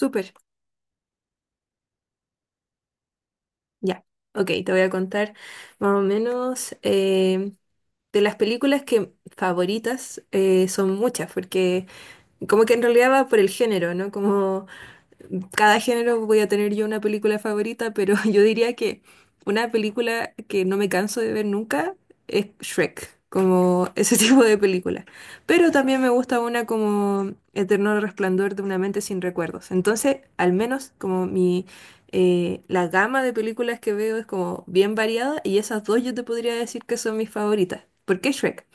Súper, ya. Ok, te voy a contar más o menos de las películas que favoritas son muchas, porque como que en realidad va por el género, ¿no? Como cada género voy a tener yo una película favorita, pero yo diría que una película que no me canso de ver nunca es Shrek, como ese tipo de película. Pero también me gusta una como Eterno Resplandor de una mente sin recuerdos. Entonces, al menos como mi la gama de películas que veo es como bien variada y esas dos yo te podría decir que son mis favoritas. ¿Por qué Shrek?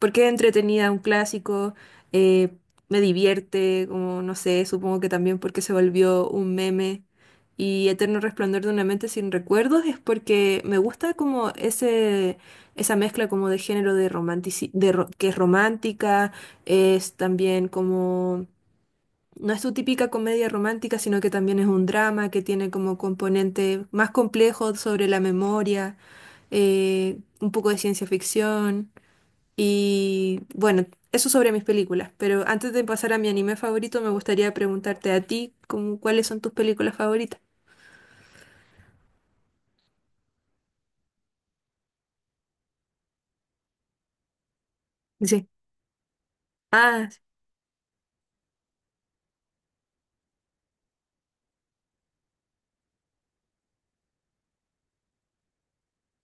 Porque es entretenida, un clásico, eh, me divierte, como no sé, supongo que también porque se volvió un meme. Y Eterno Resplandor de una mente sin recuerdos es porque me gusta como ese, esa mezcla como de género de romantici- de ro- que es romántica, es también como, no es su típica comedia romántica, sino que también es un drama que tiene como componente más complejo sobre la memoria, un poco de ciencia ficción. Y bueno, eso sobre mis películas, pero antes de pasar a mi anime favorito, me gustaría preguntarte a ti, como, ¿cuáles son tus películas favoritas? Sí. Ah,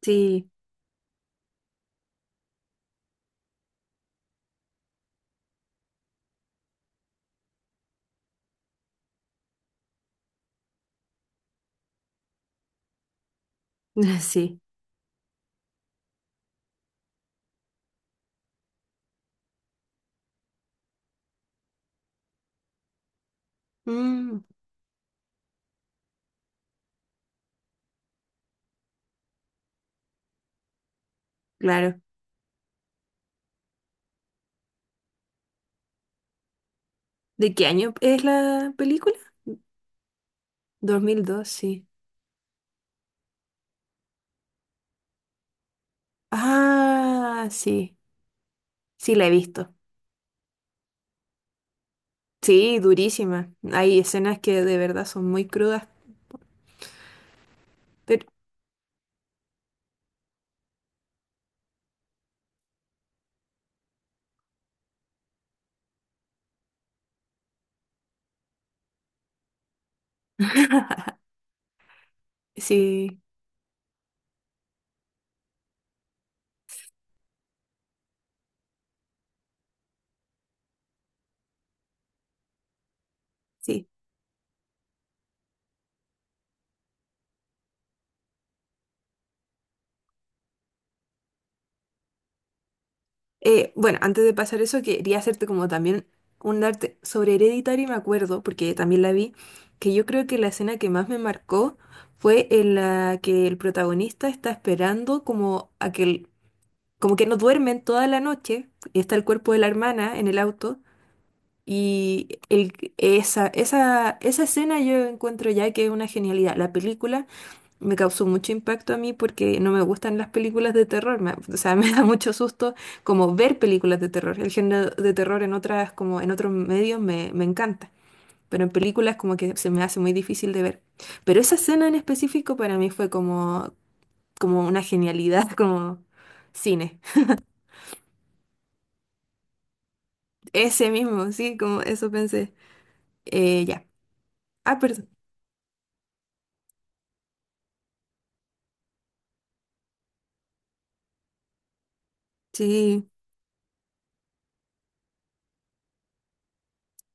sí, sí. Mm, claro. ¿De qué año es la película? Dos mil dos, sí. Ah, sí, sí la he visto. Sí, durísima. Hay escenas que de verdad son muy crudas, pero sí, sí. Bueno, antes de pasar eso, quería hacerte como también un arte sobre Hereditary, me acuerdo, porque también la vi, que yo creo que la escena que más me marcó fue en la que el protagonista está esperando como a que como que no duermen toda la noche, y está el cuerpo de la hermana en el auto, y esa escena yo encuentro ya que es una genialidad. La película me causó mucho impacto a mí porque no me gustan las películas de terror, o sea, me da mucho susto como ver películas de terror. El género de terror en otras, como en otros medios me, me encanta, pero en películas como que se me hace muy difícil de ver. Pero esa escena en específico para mí fue como, como una genialidad, como cine. Ese mismo, sí, como eso pensé. Ya. Ah, perdón. Sí,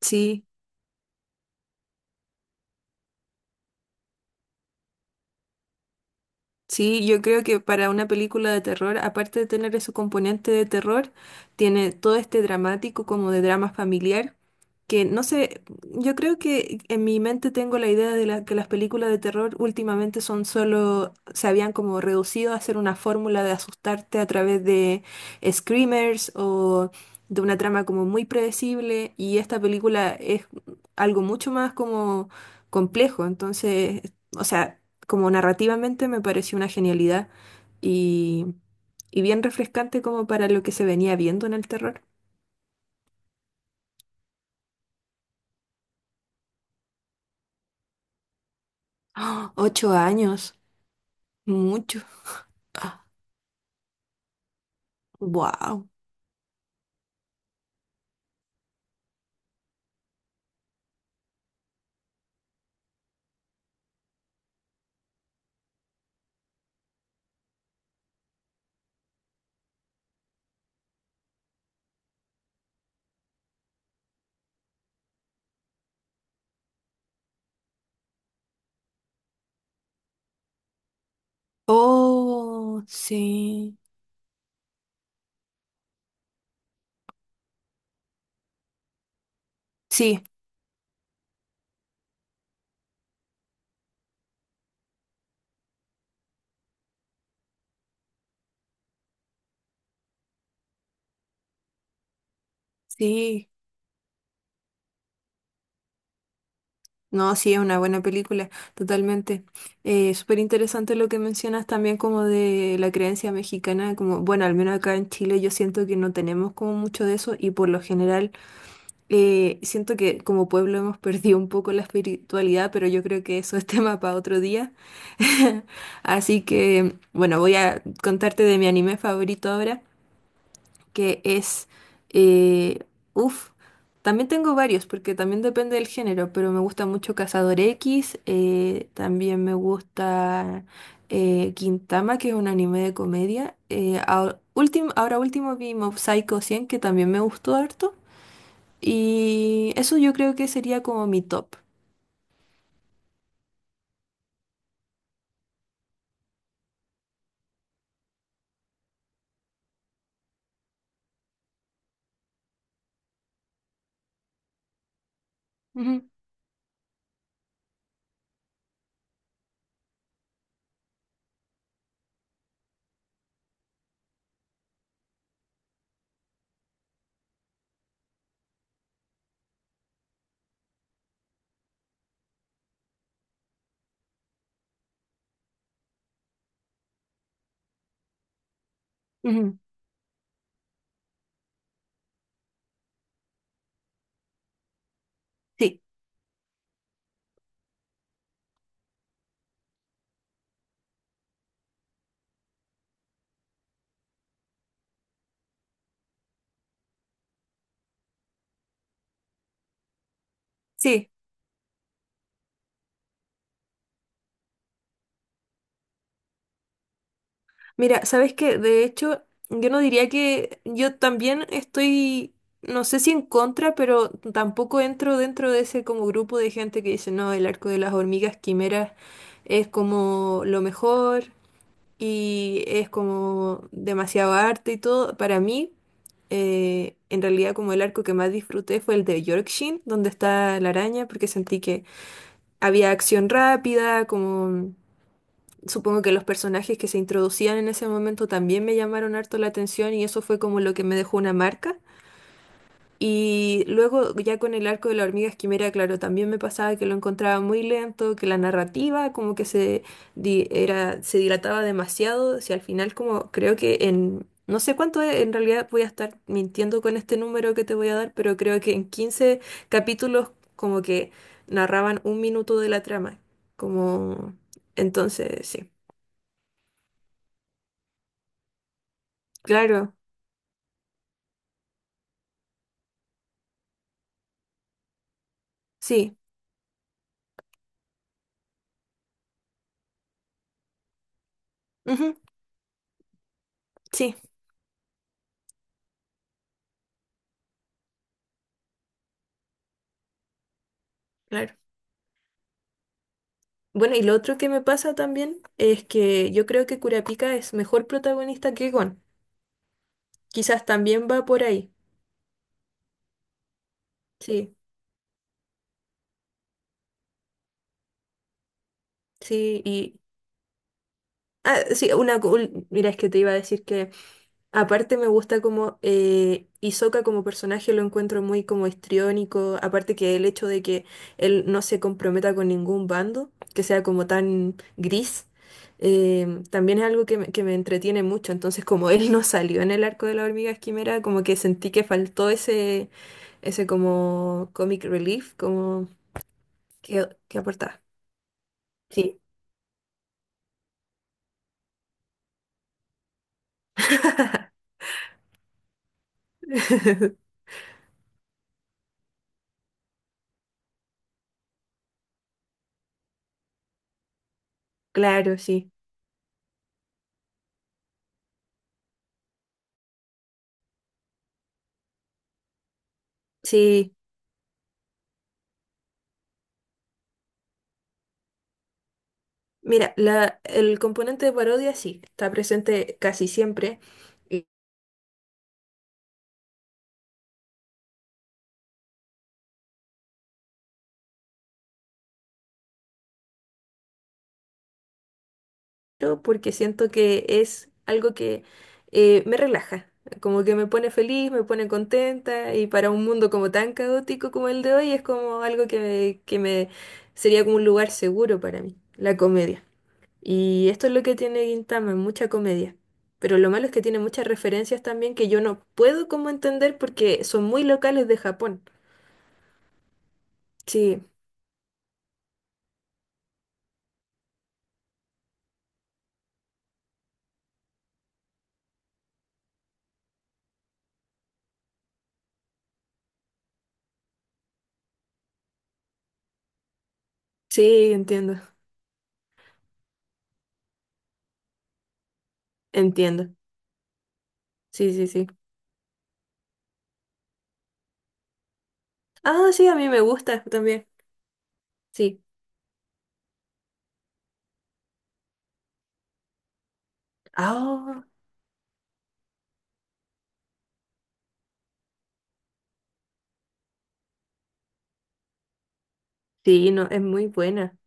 sí. Sí, yo creo que para una película de terror, aparte de tener ese componente de terror, tiene todo este dramático como de drama familiar, que no sé, yo creo que en mi mente tengo la idea de que las películas de terror últimamente son solo, se habían como reducido a hacer una fórmula de asustarte a través de screamers o de una trama como muy predecible, y esta película es algo mucho más como complejo, entonces, o sea como narrativamente me pareció una genialidad y, y bien refrescante como para lo que se venía viendo en el terror. ¡Ah! Ocho años, mucho. Ah, wow. Oh, sí, sí, sí. No, sí, es una buena película, totalmente. Súper interesante lo que mencionas también como de la creencia mexicana, como, bueno, al menos acá en Chile yo siento que no tenemos como mucho de eso y por lo general siento que como pueblo hemos perdido un poco la espiritualidad, pero yo creo que eso es tema para otro día. Así que, bueno, voy a contarte de mi anime favorito ahora. que es... Eh, uf, También tengo varios, porque también depende del género, pero me gusta mucho Cazador X, también me gusta Gintama, que es un anime de comedia. Eh, ahora último vi Mob Psycho 100, que también me gustó harto. Y eso yo creo que sería como mi top. Ujú, ujú. Sí, sí. Mira, sabes que de hecho yo no diría que yo también estoy, no sé si en contra, pero tampoco entro dentro de ese como grupo de gente que dice, no, el arco de las hormigas quimeras es como lo mejor y es como demasiado arte y todo. Para mí, en realidad como el arco que más disfruté fue el de Yorkshin, donde está la araña, porque sentí que había acción rápida, como supongo que los personajes que se introducían en ese momento también me llamaron harto la atención y eso fue como lo que me dejó una marca. Y luego ya con el arco de la hormiga esquimera, claro, también me pasaba que lo encontraba muy lento, que la narrativa como que se dilataba demasiado, si al final como creo que en, no sé cuánto es, en realidad voy a estar mintiendo con este número que te voy a dar, pero creo que en 15 capítulos como que narraban un minuto de la trama, como entonces, sí, claro, sí, ujú, sí, claro. Bueno, y lo otro que me pasa también es que yo creo que Kurapika es mejor protagonista que Gon. Quizás también va por ahí. Sí, sí, y... Ah, sí, mira, es que te iba a decir que aparte me gusta como Hisoka como personaje lo encuentro muy como histriónico, aparte que el hecho de que él no se comprometa con ningún bando, que sea como tan gris, también es algo que me entretiene mucho, entonces como él no salió en el arco de la hormiga quimera, como que sentí que faltó ese, ese como comic relief, como que aportaba. Sí, claro, sí. Sí. Mira, el componente de parodia sí, está presente casi siempre, y- pero porque siento que es algo que me relaja, como que me pone feliz, me pone contenta, y para un mundo como tan caótico como el de hoy es como algo que me sería como un lugar seguro para mí, la comedia. Y esto es lo que tiene Gintama, mucha comedia. Pero lo malo es que tiene muchas referencias también que yo no puedo como entender porque son muy locales de Japón. Sí, sí, entiendo. Entiendo. Sí, sí, sí. Ah, sí, a mí me gusta también. Sí. Ah, sí, no, es muy buena.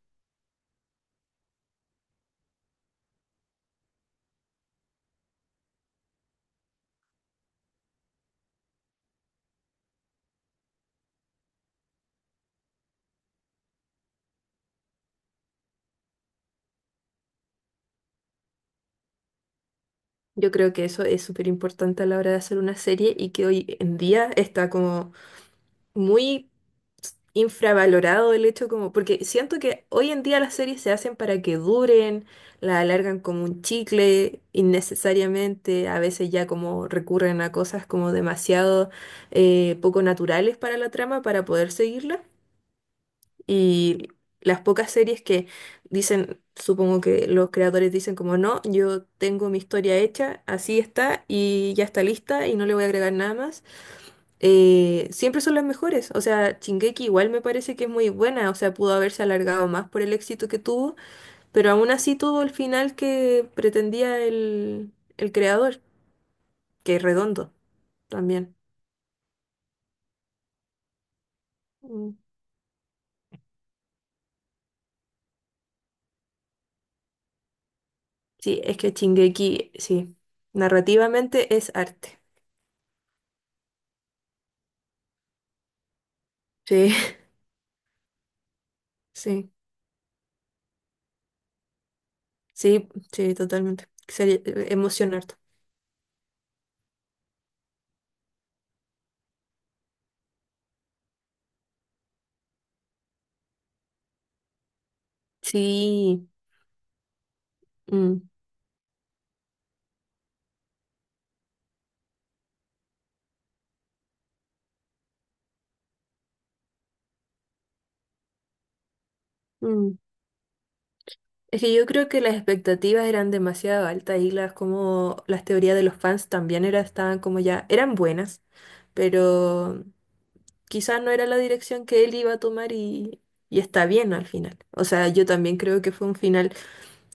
Yo creo que eso es súper importante a la hora de hacer una serie y que hoy en día está como muy infravalorado el hecho como, porque siento que hoy en día las series se hacen para que duren, la alargan como un chicle innecesariamente, a veces ya como recurren a cosas como demasiado poco naturales para la trama para poder seguirla. Y las pocas series que dicen, supongo que los creadores dicen como no, yo tengo mi historia hecha, así está y ya está lista y no le voy a agregar nada más, siempre son las mejores. O sea, Shingeki igual me parece que es muy buena, o sea, pudo haberse alargado más por el éxito que tuvo, pero aún así tuvo el final que pretendía el creador, que es redondo también. Mm. Sí, es que Shingeki, sí, narrativamente es arte. Sí, sí. Sí, sí, totalmente. Sería emocionarte. Sí. Mm, mm. Es que yo creo que las expectativas eran demasiado altas y las como las teorías de los fans también era, estaban como ya, eran buenas, pero quizás no era la dirección que él iba a tomar y está bien al final. O sea, yo también creo que fue un final.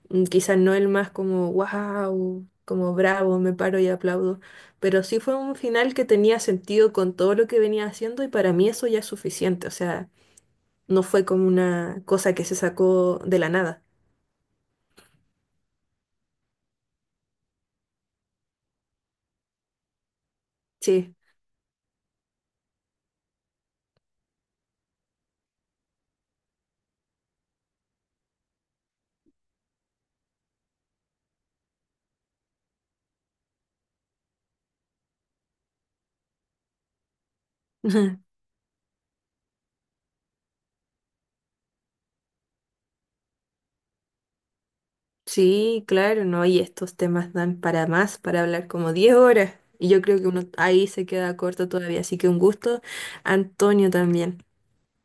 Mm, quizás no el más como wow, como bravo, me paro y aplaudo, pero sí fue un final que tenía sentido con todo lo que venía haciendo y para mí eso ya es suficiente, o sea, no fue como una cosa que se sacó de la nada. Sí, sí, claro, no, y estos temas dan para más, para hablar como 10 horas y yo creo que uno ahí se queda corto todavía, así que un gusto, Antonio también.